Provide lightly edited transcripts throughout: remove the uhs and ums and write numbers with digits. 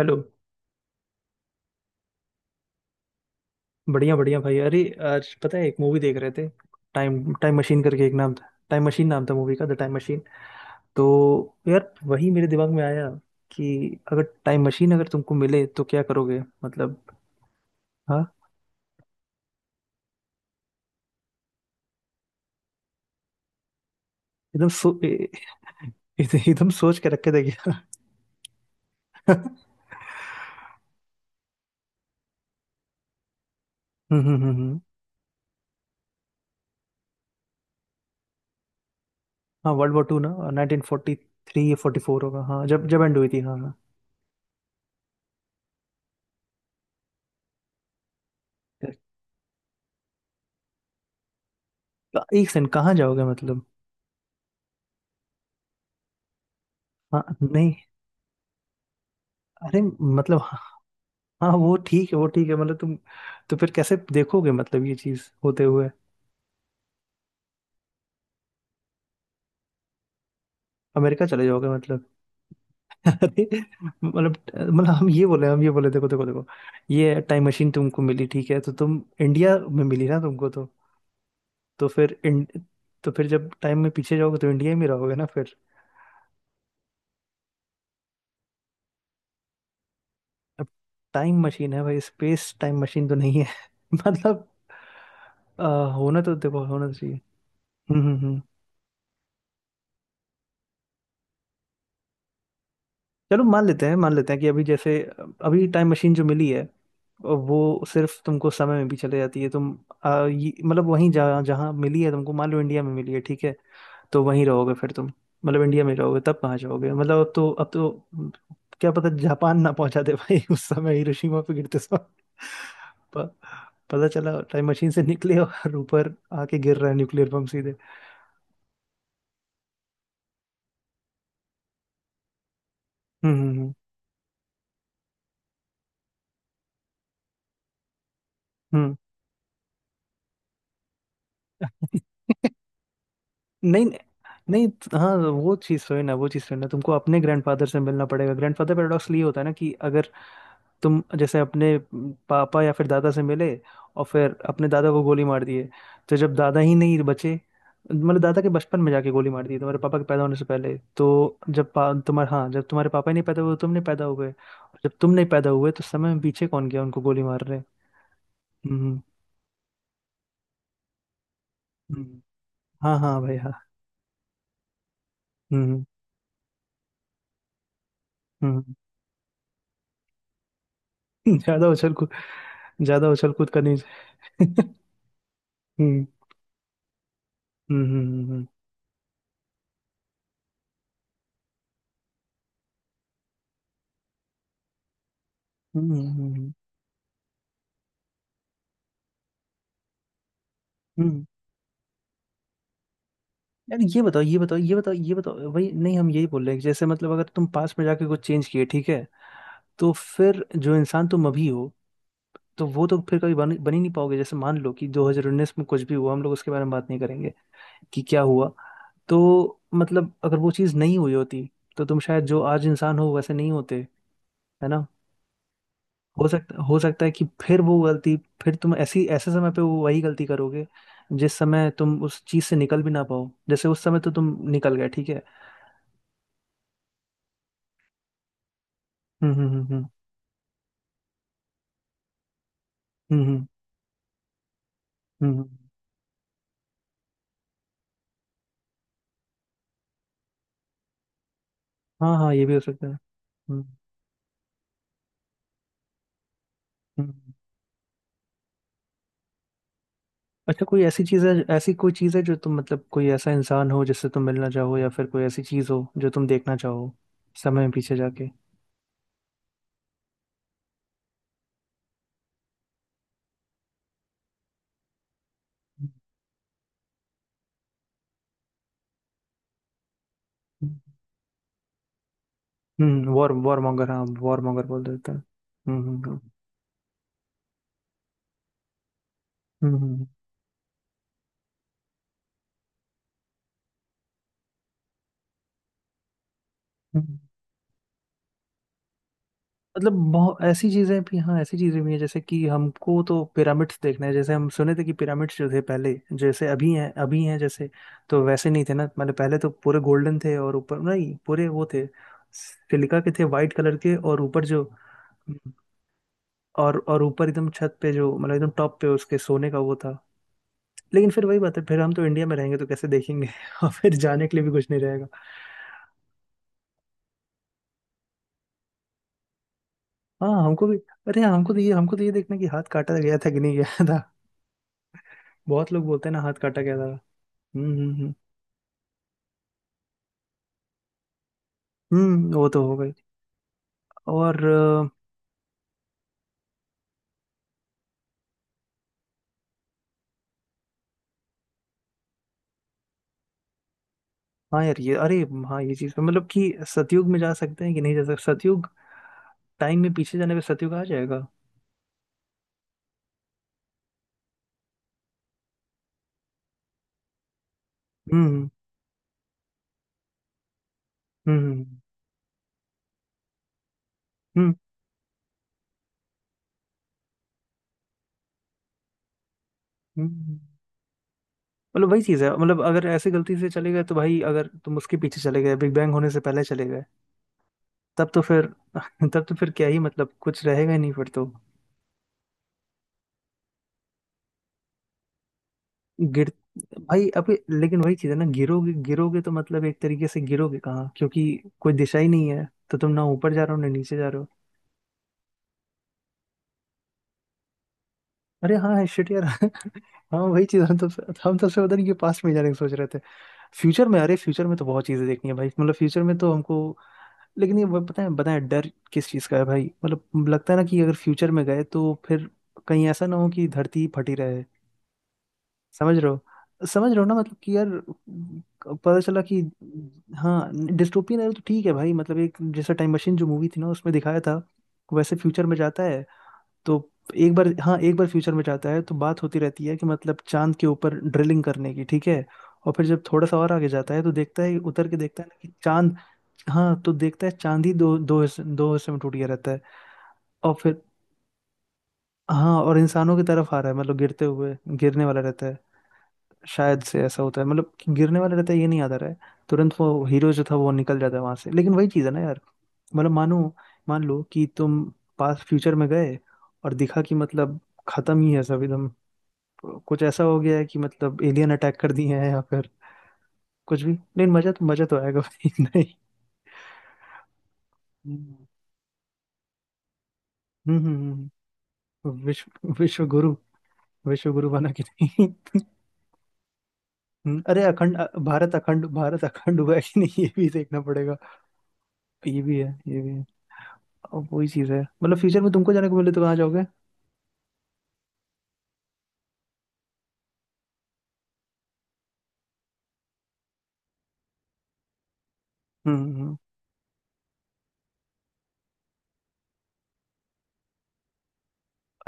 Hello. बढ़िया बढ़िया भाई, अरे आज पता है, एक मूवी देख रहे थे। टाइम टाइम मशीन करके, एक नाम था टाइम मशीन नाम था मूवी का, द टाइम मशीन। तो यार वही मेरे दिमाग में आया कि अगर टाइम मशीन अगर तुमको मिले तो क्या करोगे मतलब। हाँ। एकदम सो ए- एकदम सोच के रखे थे क्या? हम्म हम्म हम्म हम्म। हाँ वर्ल्ड वॉर टू ना, 1943 या 44 होगा। हाँ, जब जब एंड हुई थी। हाँ हाँ। एक सेकंड, कहाँ जाओगे मतलब? हाँ नहीं। अरे, मतलब हाँ वो ठीक है, वो ठीक है, मतलब तुम, तो फिर कैसे देखोगे मतलब, ये चीज होते हुए? अमेरिका चले जाओगे मतलब? अरे, मतलब हम ये बोले देखो देखो देखो। ये टाइम मशीन तुमको मिली, ठीक है? तो तुम, इंडिया में मिली ना तुमको? तो फिर तो फिर जब टाइम में पीछे जाओगे तो इंडिया में रहोगे ना फिर? अब टाइम मशीन है भाई, स्पेस टाइम मशीन तो नहीं है। मतलब, आ, होना तो देखो, होना तो चाहिए। हम्म हम्म हम्म। चलो, मान लेते हैं कि अभी टाइम मशीन जो मिली है, वो सिर्फ तुमको समय में भी चले जाती है। तुम, मतलब वहीं, जहाँ जहाँ मिली है तुमको, मान लो इंडिया में मिली है ठीक है, तो वहीं रहोगे फिर तुम। मतलब इंडिया में ही रहोगे। तब कहाँ जाओगे मतलब? अब तो क्या पता, जापान ना पहुंचा दे भाई, उस समय हिरोशिमा पे गिरते समय। प- पता चला टाइम मशीन से निकले और ऊपर आके गिर रहा है न्यूक्लियर बम सीधे। हम्म हम्म हम्म हम्म। नहीं नहीं, हाँ वो चीज़ तो है ना, वो चीज़ तो है ना, तुमको अपने ग्रैंडफादर से मिलना पड़ेगा। ग्रैंडफादर पैराडॉक्स ये होता है ना, कि अगर तुम जैसे अपने पापा या फिर दादा से मिले, और फिर अपने दादा को गोली मार दिए। तो जब दादा ही नहीं बचे, मतलब दादा के बचपन में जाके गोली मार दी तुम्हारे पापा के पैदा होने से पहले, तो जब तुम्हारे पापा ही नहीं पैदा हुए, तुम नहीं पैदा हुए, और जब तुम नहीं पैदा हुए तो समय में पीछे कौन गया उनको गोली मारने? हम्म हम्म हम्म। हाँ हाँ भाई हाँ। हम्म हम्म। ज्यादा उछल कूद ज्यादा उछल कूद करनी चाहिए। हम्म हम्म हम्म हम्म हम्म, हम्म, हम्म। हम्म, हम्म, हम्म, हम्म। यार ये बताओ, ये बताओ, ये बताओ, ये बताओ भाई, नहीं हम यही बोल रहे हैं कि जैसे मतलब, अगर तुम पास्ट में जाके कुछ चेंज किए ठीक है, तो फिर जो इंसान तुम अभी हो, तो वो तो फिर कभी बन ही नहीं पाओगे। जैसे मान लो कि 2019 में कुछ भी हुआ, हम लोग उसके बारे में बात नहीं करेंगे कि क्या हुआ। तो मतलब, अगर वो चीज़ नहीं हुई होती, तो तुम शायद जो आज इंसान हो वैसे नहीं होते, है ना? हो सकता है कि फिर वो गलती, फिर तुम ऐसी ऐसे समय पे वो वही गलती करोगे, जिस समय तुम उस चीज से निकल भी ना पाओ। जैसे उस समय तो तुम निकल गए, ठीक है। हम्म हम्म हम्म हम्म हम्म हम्म, हम्म, हम्म। हाँ हाँ ये भी हो सकता है। हम्म हम्म। अच्छा, कोई ऐसी चीज है ऐसी कोई चीज है जो तुम, मतलब कोई ऐसा इंसान हो जिससे तुम मिलना चाहो, या फिर कोई ऐसी चीज हो जो तुम देखना चाहो, समय में पीछे जाके? हम्म, वॉर वॉर मॉन्गर, हाँ वॉर मॉन्गर बोल देते हैं। हम्म हम्म हम्म हम्म, हम्म, हम्म। मतलब बहुत ऐसी चीजें भी, हाँ ऐसी चीजें भी हैं। जैसे कि हमको तो पिरामिड्स देखना है, जैसे हम सुने थे कि पिरामिड्स जो थे पहले, जैसे अभी हैं, अभी हैं जैसे, तो वैसे नहीं थे ना। मतलब पहले तो पूरे गोल्डन थे, और ऊपर नहीं पूरे वो थे सिलिका के थे, वाइट कलर के, और ऊपर जो, और ऊपर एकदम छत पे जो मतलब एकदम टॉप पे, उसके सोने का वो था। लेकिन फिर वही बात है, फिर हम तो इंडिया में रहेंगे, तो कैसे देखेंगे? और फिर जाने के लिए भी कुछ नहीं रहेगा। हाँ हमको भी। अरे हाँ, हमको तो ये देखना है कि हाथ काटा गया था कि नहीं गया। बहुत लोग बोलते हैं ना हाथ काटा गया था। हम्म। वो तो हो गई। और हाँ यार ये, अरे हाँ ये चीज मतलब, कि सतयुग में जा सकते हैं कि नहीं जा सकते, सतयुग टाइम में पीछे जाने पे सतयुग आ जाएगा? हम्म हम्म हम्म हम्म हम्म। हम्म, हम्म। मतलब वही चीज है, मतलब अगर ऐसे गलती से चले गए, तो भाई अगर तुम उसके पीछे चले गए, बिग बैंग होने से पहले चले गए, तब तो फिर तब तो फिर क्या ही मतलब, कुछ रहेगा ही नहीं फिर तो। गिर भाई अभी, लेकिन वही चीज है ना, गिरोगे गिरोगे तो मतलब, एक तरीके से गिरोगे कहाँ, क्योंकि कोई दिशा ही नहीं है। तो तुम ना ऊपर जा रहे हो, ना नीचे जा रहे हो। अरे हाँ है, शिट यार। हाँ वही चीज, हम तो से पता नहीं कि पास्ट में जाने की सोच रहे थे। फ्यूचर में, अरे फ्यूचर में तो बहुत चीजें देखनी है भाई, मतलब फ्यूचर में तो हमको। लेकिन ये वो पता है, बताए, डर किस चीज का है भाई, मतलब लगता है ना कि अगर फ्यूचर में गए तो फिर कहीं ऐसा ना हो कि धरती ही फटी रहे। समझ रहे हो, समझ रहे हो ना, मतलब कि यार, पता चला कि। हाँ। डिस्टोपियन है तो ठीक है भाई, मतलब एक, जैसा टाइम मशीन जो मूवी थी ना, उसमें दिखाया था वैसे फ्यूचर में जाता है। तो एक बार, हाँ एक बार फ्यूचर में जाता है तो बात होती रहती है कि मतलब चांद के ऊपर ड्रिलिंग करने की, ठीक है। और फिर जब थोड़ा सा और आगे जाता है, तो देखता है उतर के, देखता है ना कि चांद, हाँ, तो देखता है चांद ही दो दो हिस्से में टूट गया रहता है। और फिर, हाँ और इंसानों की तरफ आ रहा है, मतलब गिरते हुए, गिरने वाला रहता है। शायद से ऐसा होता है, मतलब कि गिरने वाला रहता है, ये नहीं आता रहा है। तुरंत वो हीरो जो था वो निकल जाता है वहां से। लेकिन वही चीज़ है ना यार, मतलब मान लो कि तुम पास्ट फ्यूचर में गए, और दिखा कि मतलब खत्म ही है सब एकदम, कुछ ऐसा हो गया है कि मतलब एलियन अटैक कर दिए हैं, या फिर कुछ भी। लेकिन मजा तो आएगा भाई, नहीं। हम्म। हम्म हम्म, विश्व विश्व गुरु बना कि नहीं? अरे अखंड भारत अखंड हुआ है कि नहीं, ये भी देखना पड़ेगा। ये भी है, ये भी है। अब वही चीज है, मतलब फ्यूचर में तुमको जाने को मिले तो कहाँ जाओगे? हम्म हम्म।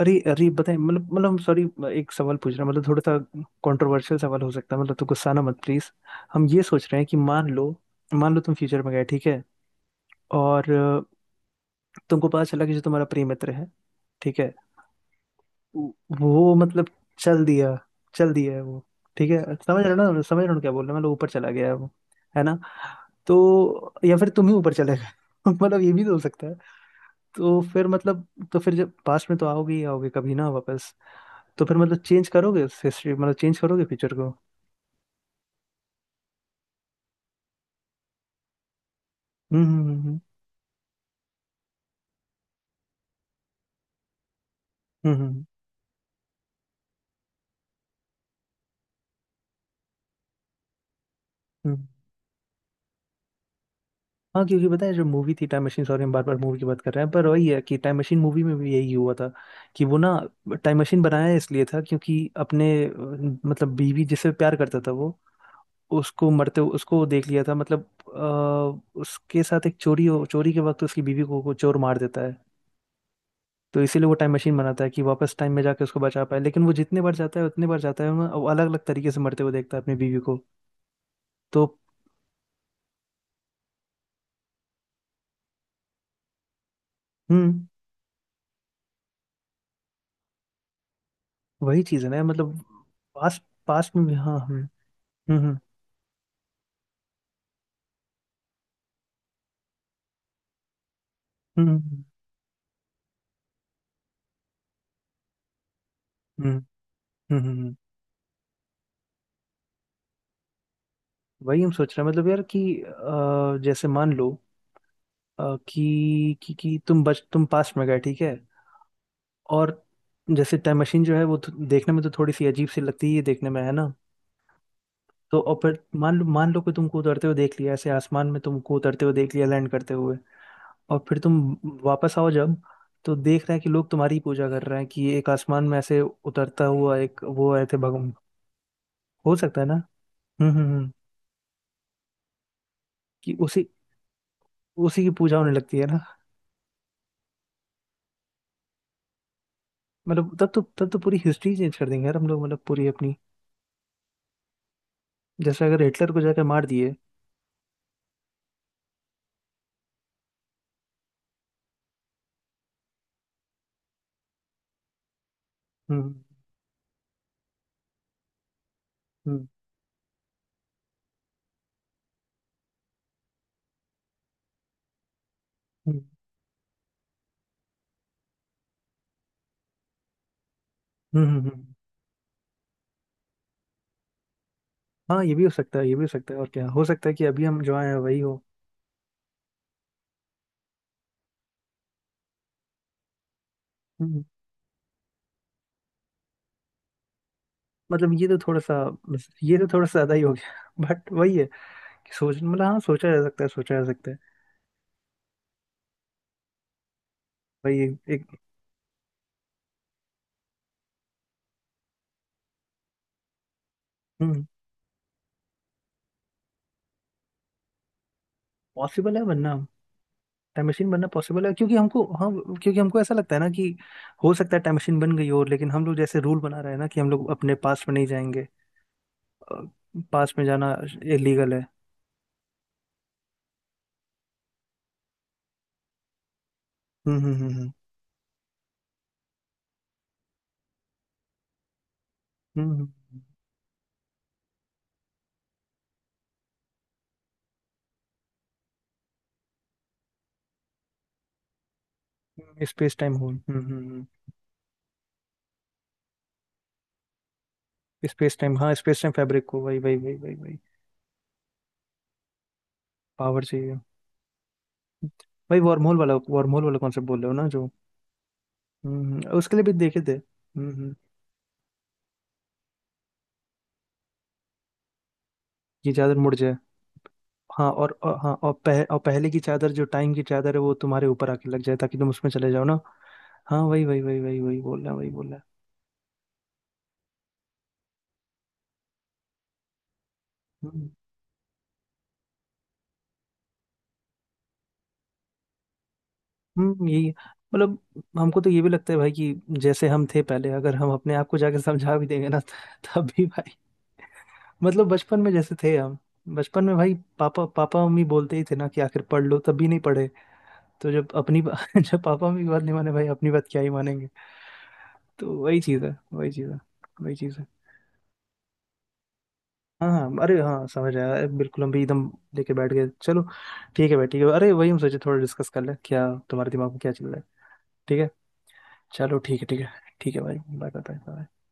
अरे अरे बताए, मतलब सॉरी, एक सवाल पूछ रहा हूं, मतलब थोड़ा सा कंट्रोवर्शियल सवाल हो सकता है, मतलब तो गुस्सा ना मत प्लीज। हम ये सोच रहे हैं कि मान लो तुम फ्यूचर में गए, ठीक है। और तुमको पता चला कि जो तुम्हारा प्रिय मित्र है, ठीक है, वो वो मतलब चल दिया चल दिया है वो, ठीक है। समझ रहे हो ना, समझ रहे हो ना, क्या बोल रहे हैं? मतलब ऊपर चला गया है वो, है ना? तो या फिर तुम ही ऊपर चले गए मतलब ये भी तो हो सकता है। तो फिर मतलब तो फिर जब पास्ट में तो आओगे ही आओगे कभी ना वापस, तो फिर मतलब चेंज करोगे हिस्ट्री, मतलब चेंज करोगे फ्यूचर को। हम्म हम्म हम्म हम्म हम्म, हम्म। हम्म। हाँ क्योंकि पता है, जो मूवी थी टाइम मशीन, सॉरी हम बार बार मूवी की बात कर रहे हैं, पर वही है कि टाइम मशीन मूवी में भी यही हुआ था। कि वो ना, टाइम मशीन बनाया इसलिए था, क्योंकि अपने मतलब बीवी जिससे प्यार करता था, वो, उसको मरते हुए उसको देख लिया था, मतलब उसके साथ एक चोरी हो चोरी के वक्त उसकी बीवी को चोर मार देता है। तो इसीलिए वो टाइम मशीन बनाता है कि वापस टाइम में जाके उसको बचा पाए। लेकिन वो जितने बार जाता है, उतने बार जाता है वो, अलग अलग तरीके से मरते हुए देखता है अपनी बीवी को। तो। हम्म। वही चीज है ना मतलब, पास्ट पास्ट में भी- हाँ। हम्म हम्म हम्म हम्म हम्म, हम्म। हम्म, हम्म। वही हम सोच रहे हैं मतलब यार कि जैसे मान लो, कि तुम पास्ट में गए, ठीक है। और जैसे टाइम मशीन जो है, वो तो देखने में तो थोड़ी सी अजीब सी लगती ही है देखने में, है ना? तो और फिर मान लो कि तुमको उतरते हुए देख लिया ऐसे, आसमान में तुमको उतरते हुए देख लिया, लैंड करते हुए। और फिर तुम वापस आओ जब, तो देख रहे हैं कि लोग तुम्हारी ही पूजा कर रहे हैं, कि एक आसमान में ऐसे उतरता हुआ एक वो आए थे भगवान। हो सकता है ना। हम्म। कि उसी उसी की पूजा होने लगती है ना। मतलब तब तो पूरी हिस्ट्री चेंज कर देंगे यार हम लोग, मतलब पूरी अपनी, जैसे अगर हिटलर को जाकर मार दिए। हम्म हम्म हम्म हम्म। हाँ ये भी हो सकता है, ये भी हो सकता है। और क्या हो सकता है कि अभी हम जो आए हैं वही हो। हम्म, हम्म। मतलब ये तो थोड़ा सा ज्यादा ही हो गया बट वही है कि सोच मतलब, हाँ सोचा जा सकता है, सोचा जा सकता है। भाई एक, एक हम्म पॉसिबल है बनना टाइम मशीन बनना पॉसिबल है, क्योंकि हमको ऐसा लगता है ना कि हो सकता है टाइम मशीन बन गई हो, लेकिन हम लोग जैसे रूल बना रहे हैं ना कि हम लोग अपने पास में नहीं जाएंगे, पास में जाना इलीगल है। हम्म हम्म हम्म हम्म हम्म, हम्म, हम्म, space time whole. Space time, हाँ स्पेस टाइम फैब्रिक को, वही वही वही वही वही, पावर चाहिए। भाई वार्म होल वाला, वार्म होल वाला कॉन्सेप्ट बोल रहे हो ना जो। उसके लिए भी देखे थे। हम्म। ये चादर मुड़ जाए। हाँ हाँ और, और पहले की चादर जो टाइम की चादर है, वो तुम्हारे ऊपर आके लग जाए ताकि तुम उसमें चले जाओ ना। हाँ वही वही वही वही वही बोल रहे हैं, वही बोल रहे हैं। हम्म यही है। मतलब हमको तो ये भी लगता है भाई, कि जैसे हम थे पहले, अगर हम अपने आप को जाके समझा भी देंगे ना तब भी भाई, मतलब बचपन में जैसे थे हम, बचपन में भाई पापा पापा मम्मी बोलते ही थे ना कि आखिर पढ़ लो, तब भी नहीं पढ़े। तो जब अपनी जब पापा मेरी बात नहीं माने भाई, अपनी बात क्या ही मानेंगे। तो वही चीज़ है, वही चीज़ है, वही चीज़ है। हाँ हाँ, अरे हाँ समझ आया। अरे, बिल्कुल हम भी एकदम लेके बैठ गए। चलो ठीक है भाई ठीक है, अरे वही हम सोचे थोड़ा डिस्कस कर ले क्या तुम्हारे दिमाग में क्या चल रहा है। ठीक है। चलो ठीक है, ठीक है। ठीक है भाई, बाय बाय बाय।